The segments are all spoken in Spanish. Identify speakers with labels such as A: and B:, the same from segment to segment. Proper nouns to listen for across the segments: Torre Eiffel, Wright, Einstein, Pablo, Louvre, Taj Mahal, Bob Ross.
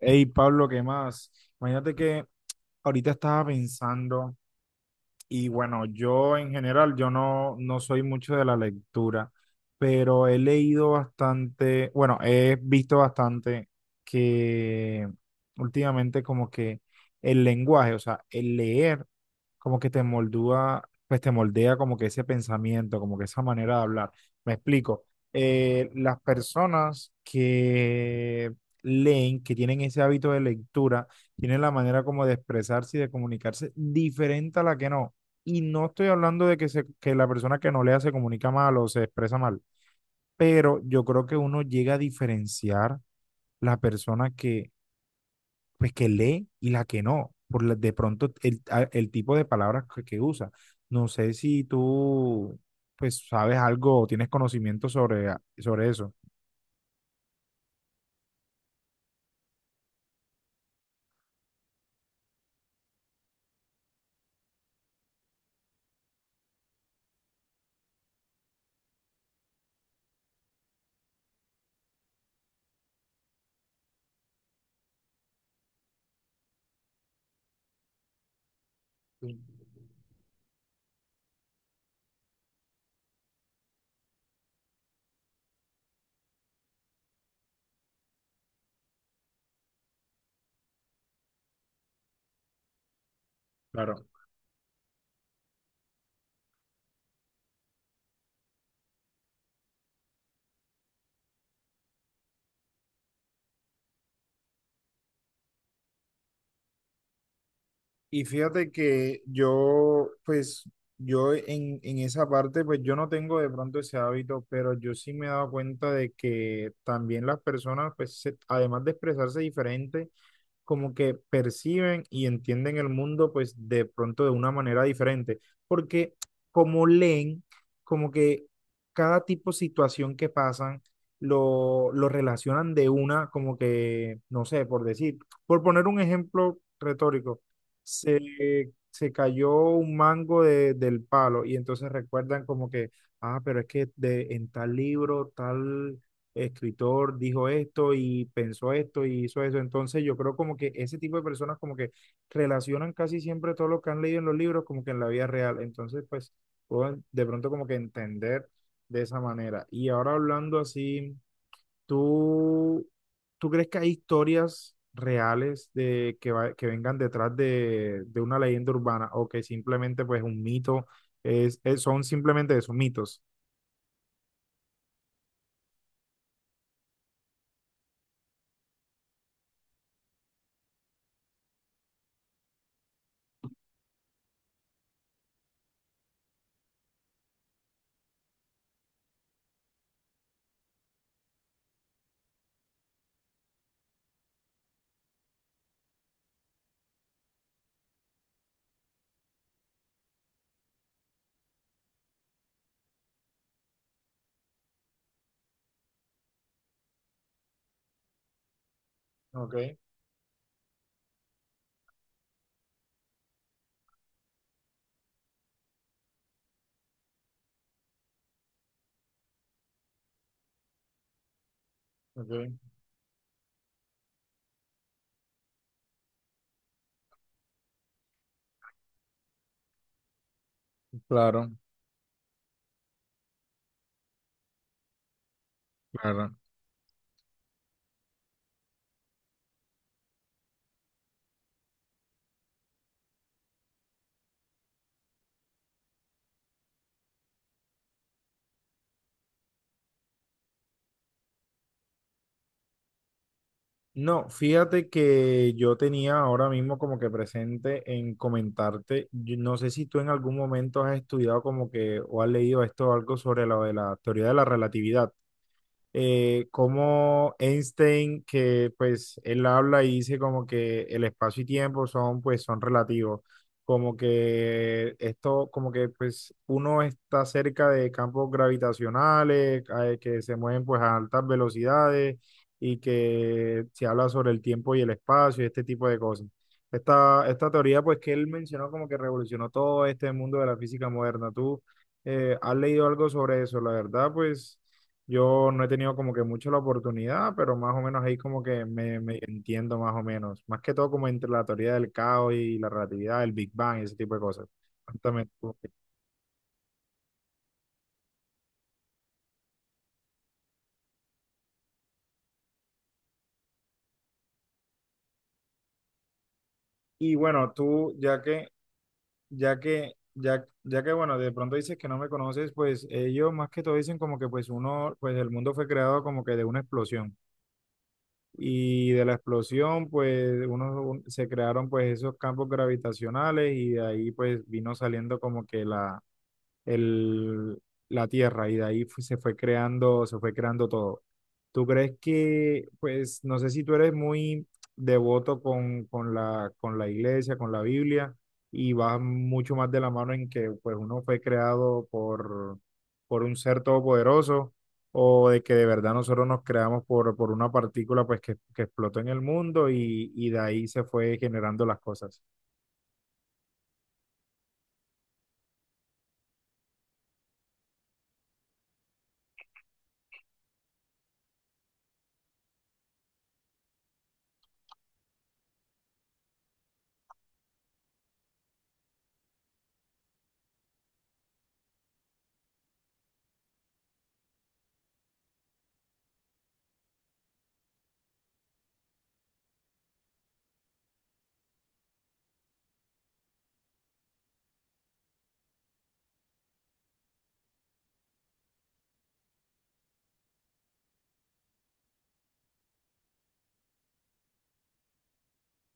A: Hey, Pablo, ¿qué más? Imagínate que ahorita estaba pensando, y bueno, yo en general, yo no soy mucho de la lectura, pero he leído bastante, bueno, he visto bastante que últimamente como que el lenguaje, o sea, el leer como que te moldúa, pues te moldea como que ese pensamiento, como que esa manera de hablar. Me explico. Las personas que leen, que tienen ese hábito de lectura, tienen la manera como de expresarse y de comunicarse diferente a la que no. Y no estoy hablando de que, se, que la persona que no lea se comunica mal o se expresa mal, pero yo creo que uno llega a diferenciar la persona que, pues, que lee y la que no, por de pronto el, el tipo de palabras que usa. No sé si tú, pues, sabes algo o tienes conocimiento sobre, sobre eso. Claro. Y fíjate que yo, pues, yo en esa parte, pues yo no tengo de pronto ese hábito, pero yo sí me he dado cuenta de que también las personas, pues, además de expresarse diferente, como que perciben y entienden el mundo pues de pronto de una manera diferente, porque como leen, como que cada tipo de situación que pasan lo relacionan de una, como que, no sé, por decir, por poner un ejemplo retórico, se cayó un mango del palo y entonces recuerdan como que, ah, pero es que de, en tal libro, tal escritor dijo esto y pensó esto y hizo eso. Entonces yo creo como que ese tipo de personas como que relacionan casi siempre todo lo que han leído en los libros como que en la vida real. Entonces pues puedo de pronto como que entender de esa manera. Y ahora hablando así, ¿tú, tú crees que hay historias reales de que, que vengan detrás de una leyenda urbana o que simplemente pues un mito es, son simplemente esos mitos? Ok, ok. Claro, claro. No, fíjate que yo tenía ahora mismo como que presente en comentarte, yo no sé si tú en algún momento has estudiado como que o has leído esto algo sobre lo de la teoría de la relatividad como Einstein, que pues él habla y dice como que el espacio y tiempo son pues son relativos, como que esto, como que pues uno está cerca de campos gravitacionales que se mueven pues a altas velocidades y que se habla sobre el tiempo y el espacio y este tipo de cosas. Esta teoría pues que él mencionó como que revolucionó todo este mundo de la física moderna. ¿Tú has leído algo sobre eso? La verdad pues... Yo no he tenido como que mucho la oportunidad, pero más o menos ahí como que me entiendo más o menos. Más que todo como entre la teoría del caos y la relatividad, el Big Bang y ese tipo de cosas. Cuéntame tú. Y bueno, tú, ya que bueno, de pronto dices que no me conoces, pues ellos más que todo dicen como que pues uno, pues el mundo fue creado como que de una explosión. Y de la explosión, pues uno se crearon pues esos campos gravitacionales y de ahí pues vino saliendo como que el, la tierra y de ahí se fue creando todo. ¿Tú crees que, pues, no sé si tú eres muy devoto con la iglesia, con la Biblia, y vas mucho más de la mano en que, pues, uno fue creado por un ser todopoderoso, o de que de verdad nosotros nos creamos por una partícula, pues, que explotó en el mundo y de ahí se fue generando las cosas?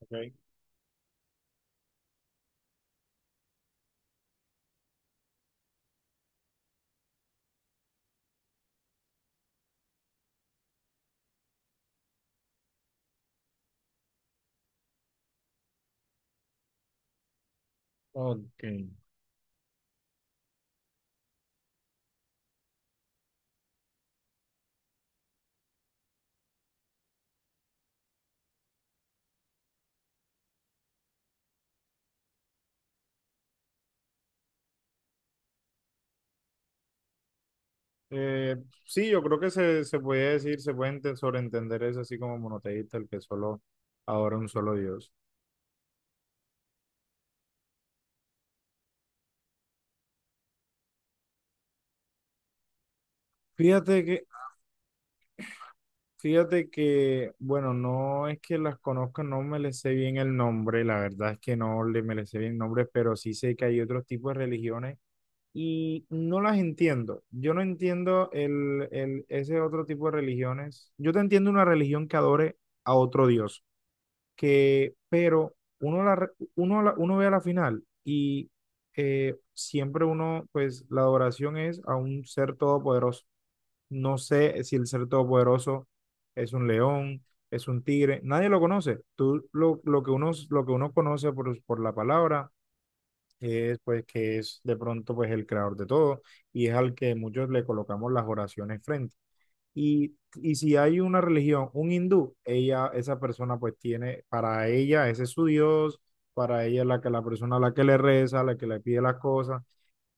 A: Ok. Ok. Eh, sí, yo creo que se puede decir, se puede sobreentender eso así como monoteísta, el que solo adora un solo Dios. Fíjate que, fíjate que, bueno, no es que las conozca, no me les sé bien el nombre, la verdad es que no le me les sé bien el nombre, pero sí sé que hay otros tipos de religiones y no las entiendo. Yo no entiendo el, ese otro tipo de religiones. Yo te entiendo una religión que adore a otro Dios. Que, pero uno, la, uno, uno ve a la final y siempre uno, pues la adoración es a un ser todopoderoso. No sé si el ser todopoderoso es un león, es un tigre, nadie lo conoce. Tú lo que uno conoce por la palabra es pues que es de pronto pues el creador de todo y es al que muchos le colocamos las oraciones frente. Y, y si hay una religión, un hindú, ella, esa persona pues tiene, para ella ese es su Dios, para ella es la que la persona a la que le reza, la que le pide las cosas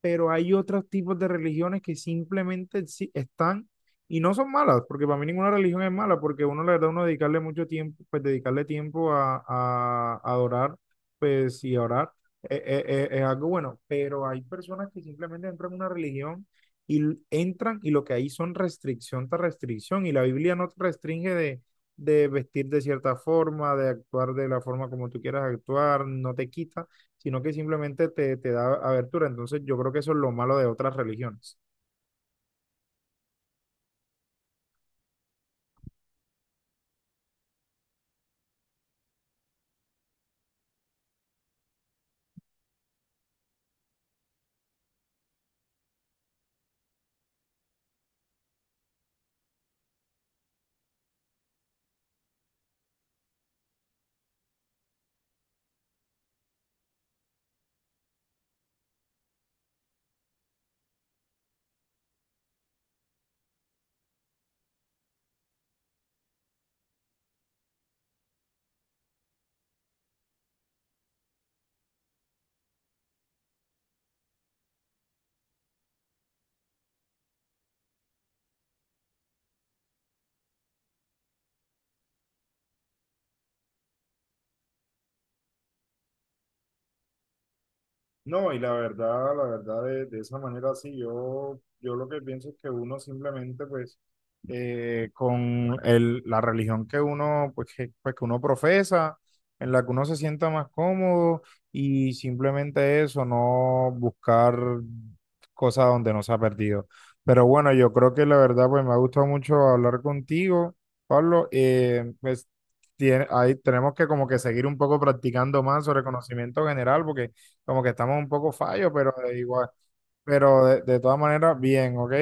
A: pero hay otros tipos de religiones que simplemente están y no son malas, porque para mí ninguna religión es mala, porque uno, la verdad, uno dedicarle mucho tiempo, pues dedicarle tiempo a, a adorar, pues y a orar es algo bueno, pero hay personas que simplemente entran en una religión y entran y lo que hay son restricción tras restricción, y la Biblia no te restringe de vestir de cierta forma, de actuar de la forma como tú quieras actuar, no te quita sino que simplemente te da abertura. Entonces yo creo que eso es lo malo de otras religiones. No, y la verdad, de esa manera sí, yo lo que pienso es que uno simplemente, pues, con el, la religión que uno, pues, que uno profesa, en la que uno se sienta más cómodo, y simplemente eso, no buscar cosas donde no se ha perdido. Pero bueno, yo creo que la verdad, pues, me ha gustado mucho hablar contigo, Pablo, pues, ahí tenemos que como que seguir un poco practicando más sobre conocimiento general, porque como que estamos un poco fallos, pero de igual, pero de todas maneras, bien, ¿ok?